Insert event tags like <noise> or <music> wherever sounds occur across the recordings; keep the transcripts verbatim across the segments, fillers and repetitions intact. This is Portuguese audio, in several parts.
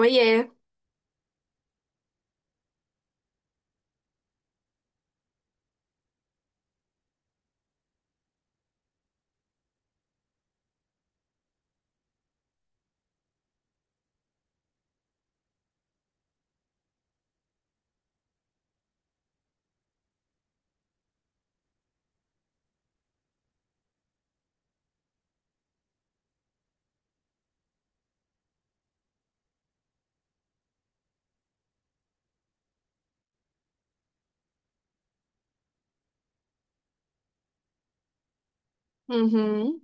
Oiê. Uhum.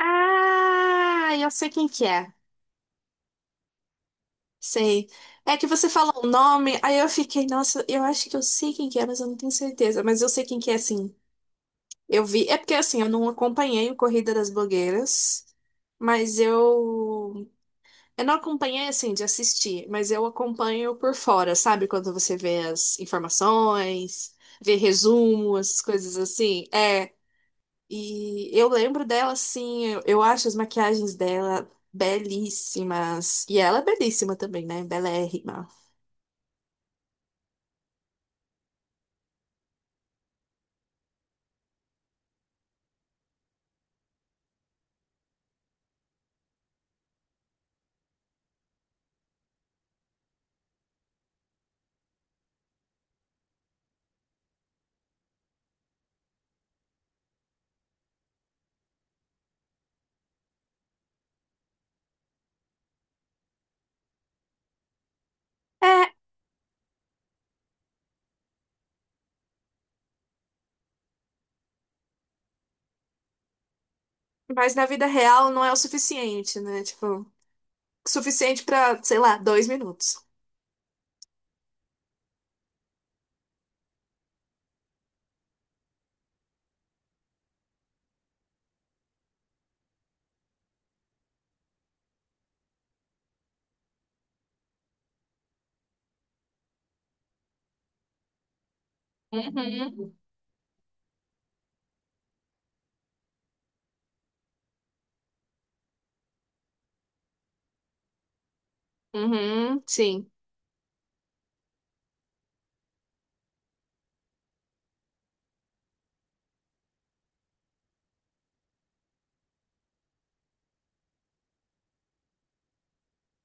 Ah, eu sei quem que é. Sei. É que você falou o nome, aí eu fiquei, nossa, eu acho que eu sei quem que é, mas eu não tenho certeza. Mas eu sei quem que é, sim. Eu vi. É porque, assim, eu não acompanhei o Corrida das Blogueiras, mas eu. Eu não acompanhei, assim, de assistir, mas eu acompanho por fora, sabe? Quando você vê as informações, vê resumo, essas coisas assim. É, E eu lembro dela assim, eu, eu acho as maquiagens dela belíssimas. E ela é belíssima também, né? Belérrima. É, mas na vida real não é o suficiente, né? Tipo, suficiente pra, sei lá, dois minutos. Uhum. Uhum, sim,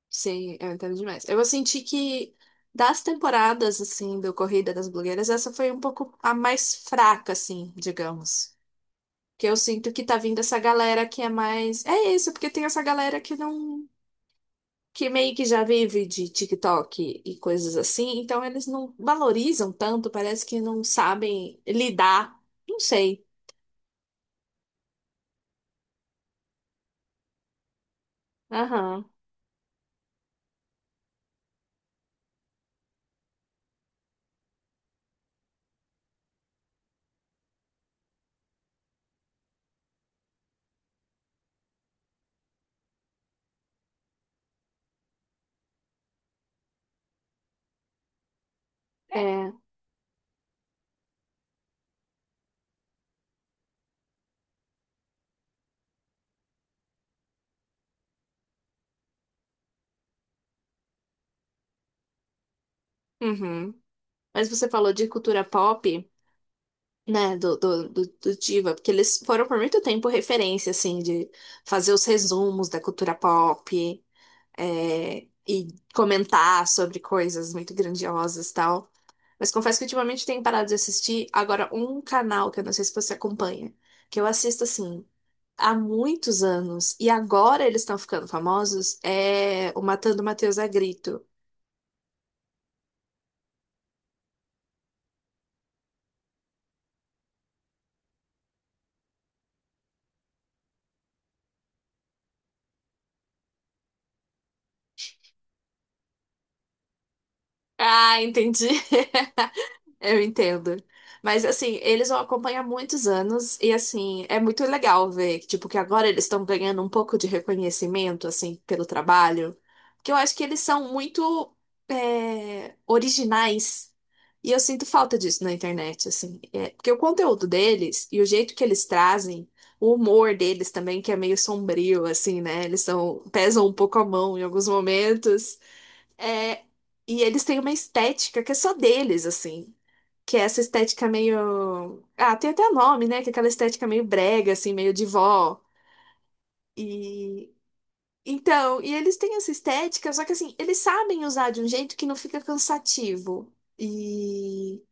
sim, eu entendo demais. Eu senti que das temporadas, assim, do Corrida das Blogueiras, essa foi um pouco a mais fraca, assim, digamos. Que eu sinto que tá vindo essa galera que é mais. É isso, porque tem essa galera que não. Que meio que já vive de TikTok e coisas assim, então eles não valorizam tanto, parece que não sabem lidar. Não sei. Aham. É. Uhum. Mas você falou de cultura pop, né, do, do, do, do Diva, porque eles foram por muito tempo referência, assim, de fazer os resumos da cultura pop, é, e comentar sobre coisas muito grandiosas e tal. Mas confesso que ultimamente tenho parado de assistir agora um canal que eu não sei se você acompanha, que eu assisto assim há muitos anos e agora eles estão ficando famosos, é o Matando Matheus a Grito. Ah, entendi. <laughs> Eu entendo. Mas assim, eles vão acompanhar muitos anos e assim, é muito legal ver que tipo que agora eles estão ganhando um pouco de reconhecimento assim pelo trabalho, que eu acho que eles são muito é, originais. E eu sinto falta disso na internet, assim. É, porque o conteúdo deles e o jeito que eles trazem, o humor deles também, que é meio sombrio, assim, né? Eles são, pesam um pouco a mão em alguns momentos. É, e eles têm uma estética que é só deles, assim. Que é essa estética meio. Ah, tem até nome, né? Que é aquela estética meio brega, assim, meio de vó. E. Então, e eles têm essa estética, só que assim, eles sabem usar de um jeito que não fica cansativo. E.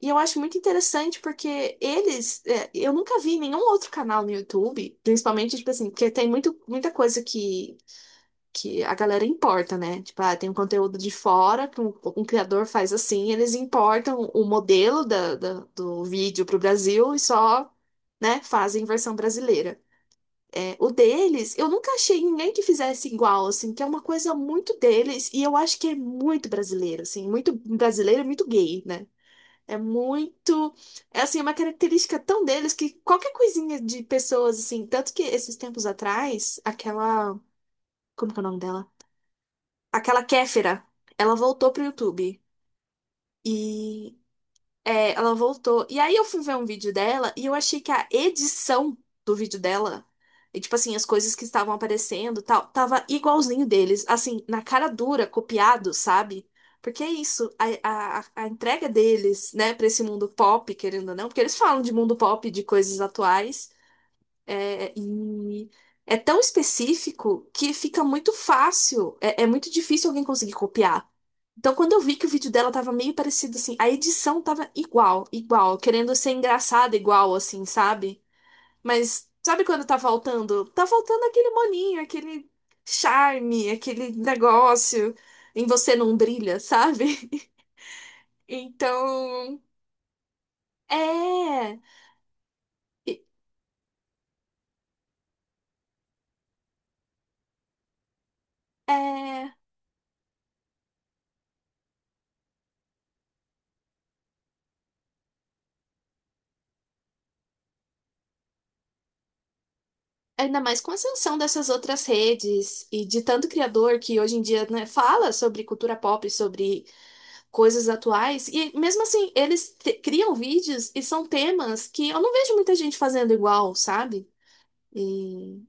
E eu acho muito interessante porque eles. é, eu nunca vi nenhum outro canal no YouTube, principalmente, tipo assim, porque tem muito, muita coisa que que a galera importa, né? Tipo, ah, tem um conteúdo de fora que um, um criador faz assim, eles importam o modelo da, da- do vídeo para o Brasil e só, né, fazem versão brasileira. É, o deles, eu nunca achei ninguém que fizesse igual, assim, que é uma coisa muito deles e eu acho que é muito brasileiro, assim, muito brasileiro e muito gay, né? É muito, é assim, é uma característica tão deles que qualquer coisinha de pessoas, assim, tanto que esses tempos atrás, aquela, como que é o nome dela? Aquela Kéfera, ela voltou pro YouTube. E é, ela voltou. E aí eu fui ver um vídeo dela e eu achei que a edição do vídeo dela, e, tipo assim, as coisas que estavam aparecendo, e tal, tava igualzinho deles, assim, na cara dura, copiado, sabe? Porque é isso, a, a, a entrega deles, né, pra esse mundo pop, querendo ou não, porque eles falam de mundo pop, de coisas atuais. É, e é tão específico que fica muito fácil, é, é muito difícil alguém conseguir copiar. Então, quando eu vi que o vídeo dela tava meio parecido, assim, a edição tava igual, igual, querendo ser engraçada igual, assim, sabe? Mas sabe quando tá faltando? Tá faltando aquele molinho, aquele charme, aquele negócio em você não brilha, sabe? <laughs> Então, é, é. Ainda mais com a ascensão dessas outras redes e de tanto criador que hoje em dia, né, fala sobre cultura pop, sobre coisas atuais, e mesmo assim, eles te- criam vídeos e são temas que eu não vejo muita gente fazendo igual, sabe? E,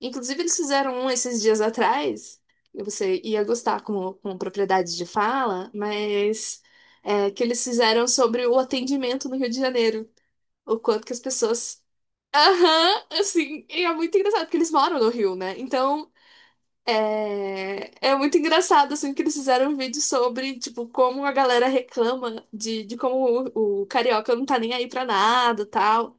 inclusive, eles fizeram um esses dias atrás, e você ia gostar com, com propriedade de fala, mas é, que eles fizeram sobre o atendimento no Rio de Janeiro, o quanto que as pessoas. Aham, assim, e é muito engraçado, porque eles moram no Rio, né? Então, é, é muito engraçado, assim, que eles fizeram um vídeo sobre, tipo, como a galera reclama de, de como o, o carioca não tá nem aí pra nada, tal.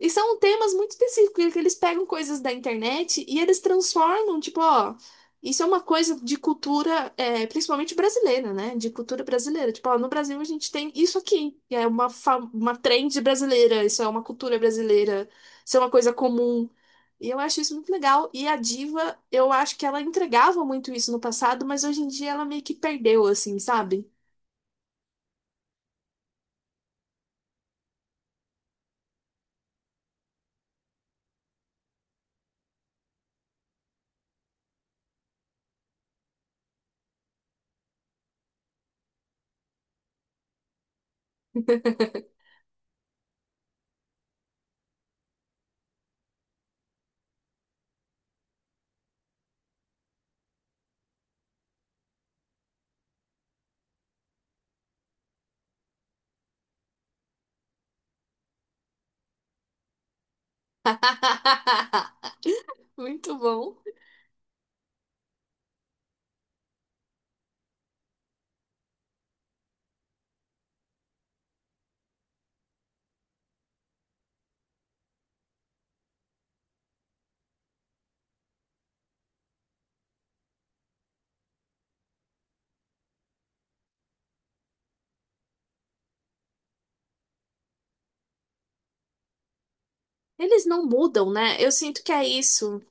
E são temas muito específicos, que eles pegam coisas da internet e eles transformam, tipo, ó, isso é uma coisa de cultura, é, principalmente brasileira, né? De cultura brasileira. Tipo, ó, no Brasil a gente tem isso aqui, que é uma, fa- uma trend brasileira, isso é uma cultura brasileira, isso é uma coisa comum. E eu acho isso muito legal. E a Diva, eu acho que ela entregava muito isso no passado, mas hoje em dia ela meio que perdeu, assim, sabe? <laughs> Muito bom. Eles não mudam, né? Eu sinto que é isso.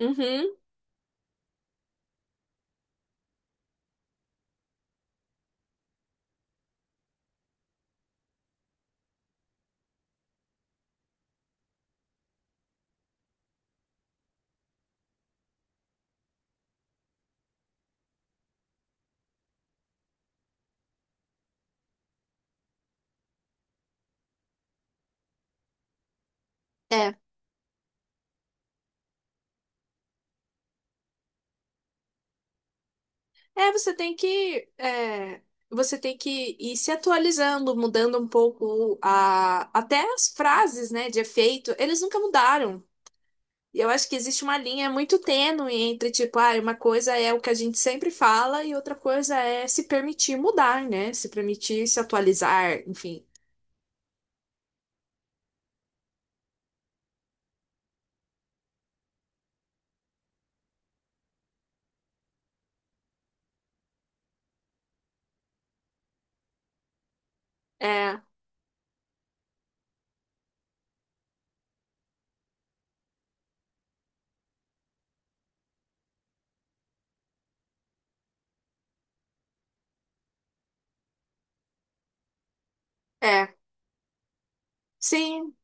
Uhum. É, é, você tem que, é, você tem que ir se atualizando, mudando um pouco a, até as frases, né, de efeito, eles nunca mudaram. E eu acho que existe uma linha muito tênue entre, tipo, ah, uma coisa é o que a gente sempre fala e outra coisa é se permitir mudar, né, se permitir se atualizar, enfim. É, é, sim.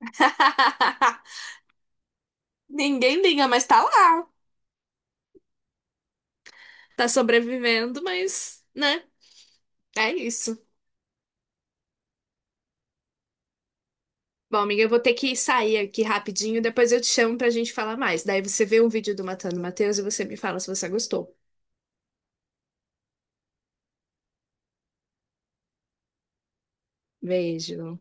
<laughs> Ninguém liga, mas tá lá. Tá sobrevivendo, mas, né? É isso. Bom, amiga, eu vou ter que sair aqui rapidinho, depois eu te chamo pra gente falar mais. Daí você vê um vídeo do Matando Matheus e você me fala se você gostou. Beijo.